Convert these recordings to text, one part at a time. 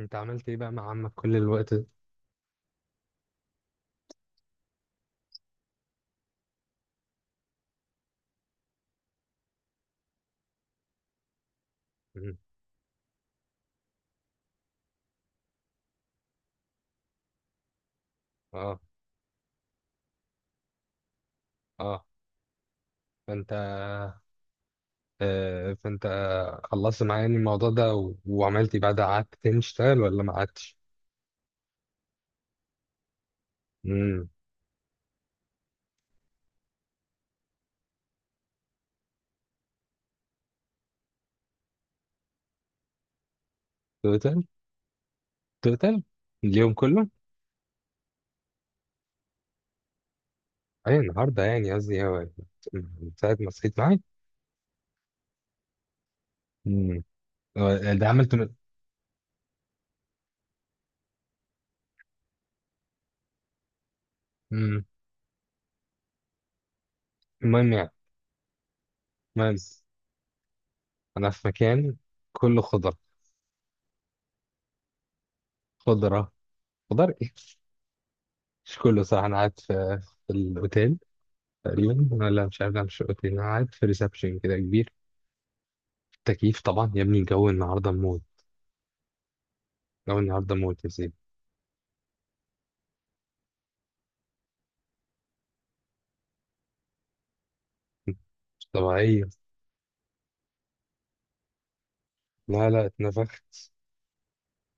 انت عملت ايه بقى مع عمك كل الوقت ده؟ مم. اه. اه. فانت فانت خلصت معايا يعني الموضوع ده وعملت ايه بعد، قعدت تاني تشتغل ولا ما قعدتش؟ امم. توتال. توتال. اليوم كله؟ اي النهارده يعني، قصدي هو من ساعة ما صحيت معاك. امم. آه، ده عملت من... مم. المهم يعني المهم انا في مكان كله خضرة. خضرة. خضار ايه؟ مش كله صح، انا قاعد في الاوتيل تقريبا، ولا مش عارف، ده مش اوتيل، انا قاعد في ريسبشن كده كبير. تكييف طبعا يا ابني، الجو النهارده موت. الجو النهارده موت يا سيدي. مش طبيعية. لا، لا، اتنفخت.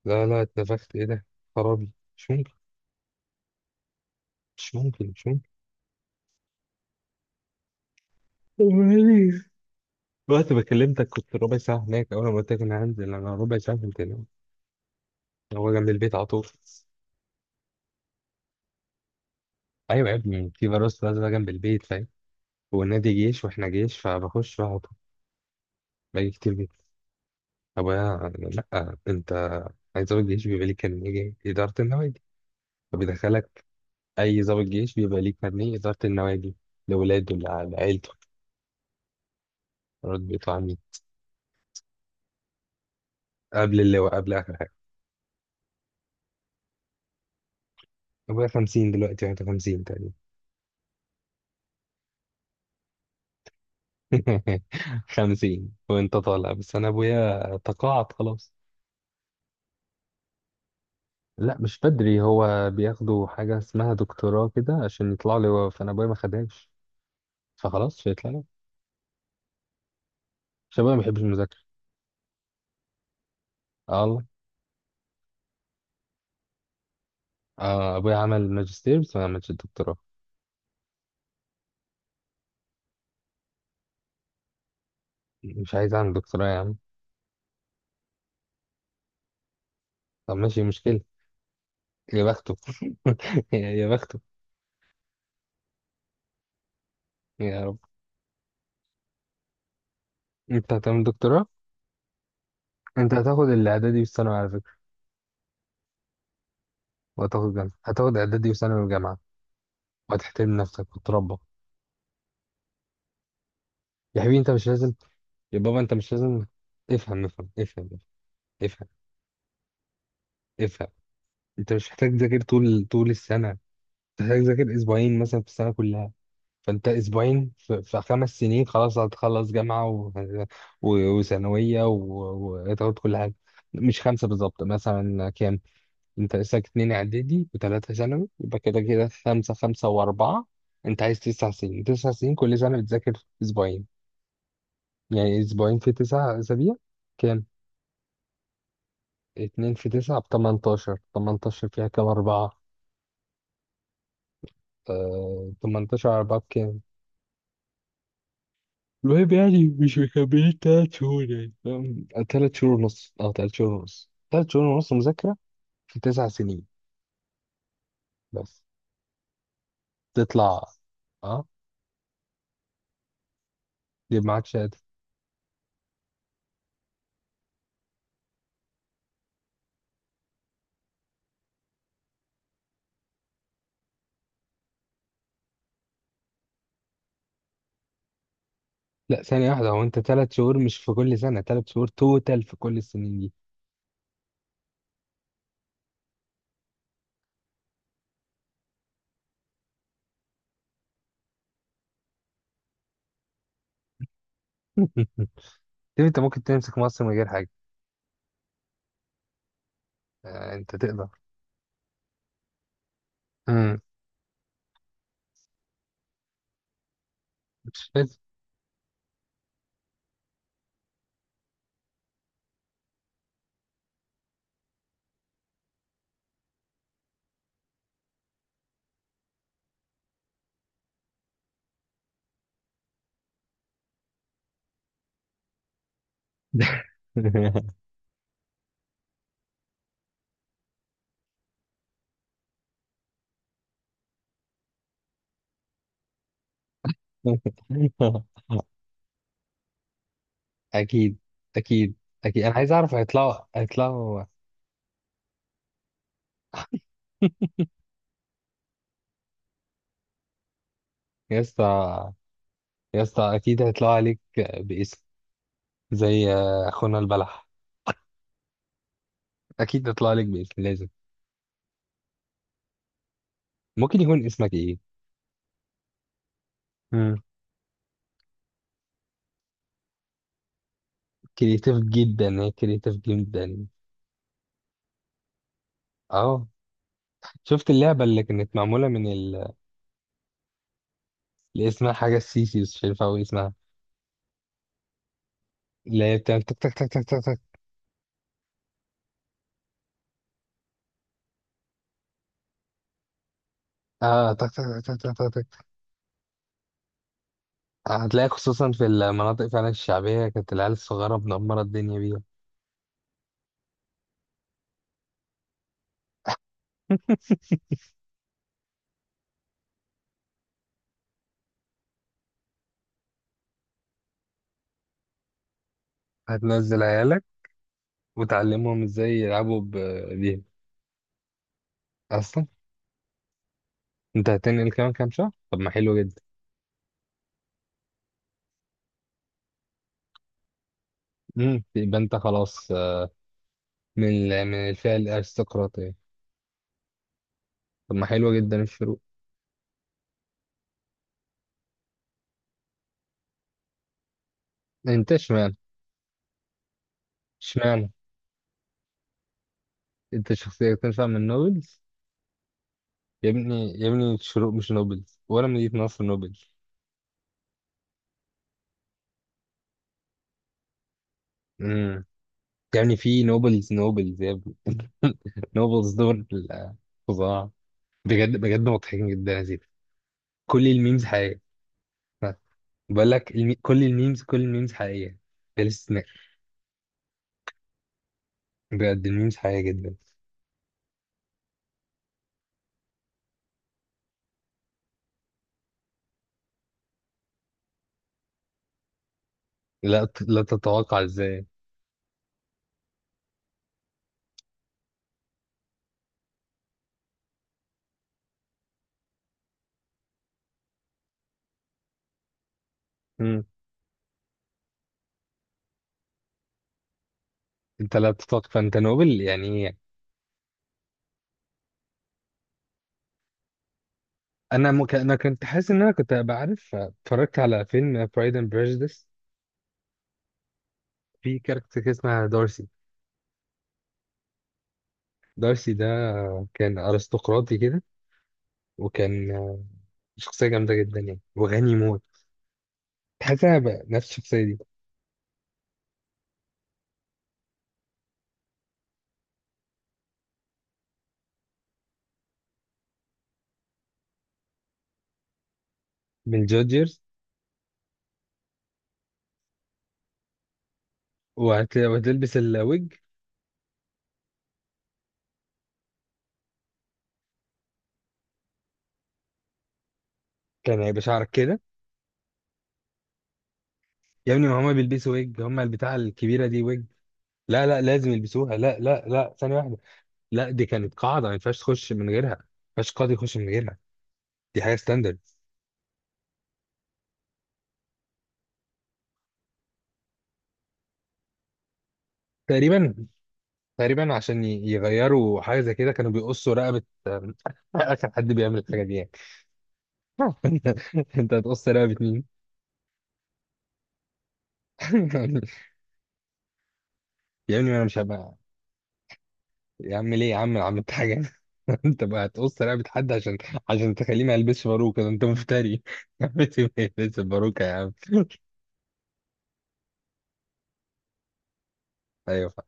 لا، لا، اتنفخت ايه ده؟ خرابي. مش ممكن. مش ممكن، مش ممكن. طب وإيه؟ وقت ما كلمتك كنت ربع ساعة هناك. أول ما قلت لك أنا هنزل، أنا ربع ساعة كنت هناك. هو جنب البيت على طول. أيوة يا ابني، في فيروس بقى جنب البيت، فاهم. والنادي جيش وإحنا جيش، فبخش بقى على طول. باجي كتير. طب أنا لأ. أنت عايز ضابط جيش بيبقى ليه كارنيه إدارة النوادي، فبيدخلك. أي ضابط جيش بيبقى ليه كارنيه إدارة النوادي لولاده، لعيلته. مرات بيطلع مين؟ قبل اللواء، قبل آخر حاجة. أبويا 50 دلوقتي وأنت 50 تقريبا. 50 وأنت طالع، بس أنا أبويا تقاعد خلاص. لا، مش بدري. هو بياخدوا حاجة اسمها دكتوراه كده عشان يطلعوا لواء، فأنا أبويا ما خدهاش فخلاص، فيطلع لواء. عشان أبويا ما بيحبش المذاكرة. آه والله. آه، أبويا عمل ماجستير بس ما عملش الدكتوراه. مش عايز اعمل دكتوراه يا عم. طب ماشي، مشكلة. يا بخته. يا بخته. يا رب. انت هتعمل دكتوراه؟ انت هتاخد الاعدادي والثانوي على فكرة. وهتاخد جامعة. هتاخد اعدادي وثانوي وجامعة. وهتحترم نفسك وتربى. يا حبيبي انت مش لازم. يا بابا انت مش لازم. افهم، افهم، افهم. افهم، افهم. انت مش محتاج تذاكر طول طول السنة. انت محتاج تذاكر اسبوعين مثلا في السنة كلها. فانت اسبوعين في 5 سنين خلاص هتخلص جامعه وثانويه وتاخد كل حاجه. مش خمسه بالظبط، مثلا كام؟ انت لسه اتنين اعدادي وثلاثه ثانوي، يبقى كده كده خمسه، خمسه واربعه. انت عايز 9 سنين، 9 سنين كل سنه بتذاكر اسبوعين. يعني اسبوعين في 9 اسابيع كام؟ اتنين في تسعه ب 18. 18 فيها كام اربعه؟ 18 اربعه بكام؟ المهم يعني مش مكملين 3 شهور، يعني فاهم، تلات شهور ونص، أو تلات شهور ونص، تلات شهور ونص مذاكرة في 9 سنين بس تطلع، أه يبقى معاك شهادة. لا، ثانية واحدة. هو أنت 3 شهور مش في كل سنة، 3 شهور توتال في كل السنين دي. طيب أنت ممكن تمسك مصر من غير حاجة. آه، أنت تقدر. مم. مش فاهم. أكيد، أكيد، أكيد، أنا عايز أعرف هيطلعوا، هيطلعوا. يا اسطى. يا اسطى اكيد هيطلعوا عليك باسم. زي اخونا البلح. اكيد يطلع لك باسم لازم. ممكن يكون اسمك ايه؟ امم. كريتيف جدا، هي كريتيف جدا. اه. شفت اللعبه اللي كانت معموله اللي اسمها حاجه السيسي، بس مش عارف أوي اسمها. اللي هي بتعمل تك تك تك تك تك تك. اه، تك تك تك تك تك تك. هتلاقي خصوصا في المناطق فعلا الشعبيه كانت العيال الصغيره منمره الدنيا بيها. هتنزل عيالك وتعلمهم ازاي يلعبوا بيها. اصلا انت هتنقل كمان كام شهر، طب ما حلو جدا. امم، يبقى انت خلاص من من الفئة الأرستقراطية. طب ما حلوة جدا الشروق. أنت اشمعنى؟ اشمعنى. أنت شخصية تنفع من نوبلز. يا ابني يا ابني، الشروق مش نوبلز، ولا مدينة نصر نوبلز. امم. يعني في نوبلز نوبلز يا ابني. نوبلز دول ال-. فظاع. بجد بجد مضحكين جدا يا زيد. كل الميمز حقيقية. ها. بقول لك كل الميمز حقيقية، بلا استثناء. بجد الميمز حقيقية جدا. لا تتوقع ازاي. مم. انت لا تتوقع، فانت نوبل يعني ايه؟ انا كنت حاسس ان انا كنت هبقى عارف. اتفرجت على فيلم برايد اند بريجديس. في كاركتر كده اسمها دارسي. دارسي ده كان ارستقراطي كده، وكان شخصيه جامده جدا يعني، وغني موت. تحس انا هبقى نفس الشخصيه دي. من جودجرز. وهتلبس الويج. كان هيبقى شعرك كده. يا ابني ما هما بيلبسوا ويج، هما البتاع الكبيره دي ويج. لا، لا، لازم يلبسوها. لا، لا، لا، ثانيه واحده. لا، دي كانت قاعده ما ينفعش تخش من غيرها. ما ينفعش قاضي يخش من غيرها. دي حاجه ستاندرد. تقريبا. تقريبا عشان يغيروا حاجه زي كده، كانوا بيقصوا رقبه. اخر حد بيعمل الحاجه دي يعني. انت هتقص رقبه مين؟ يا ابني ما انا مش هبقى. يا عم، ليه يا عم؟ أنا عملت حاجه. انت بقى هتقص رقبه حد عشان تخليه ما يلبسش باروكه؟ ده انت مفتري. يا عم، ما يلبسش باروكه يا عم. ايوه.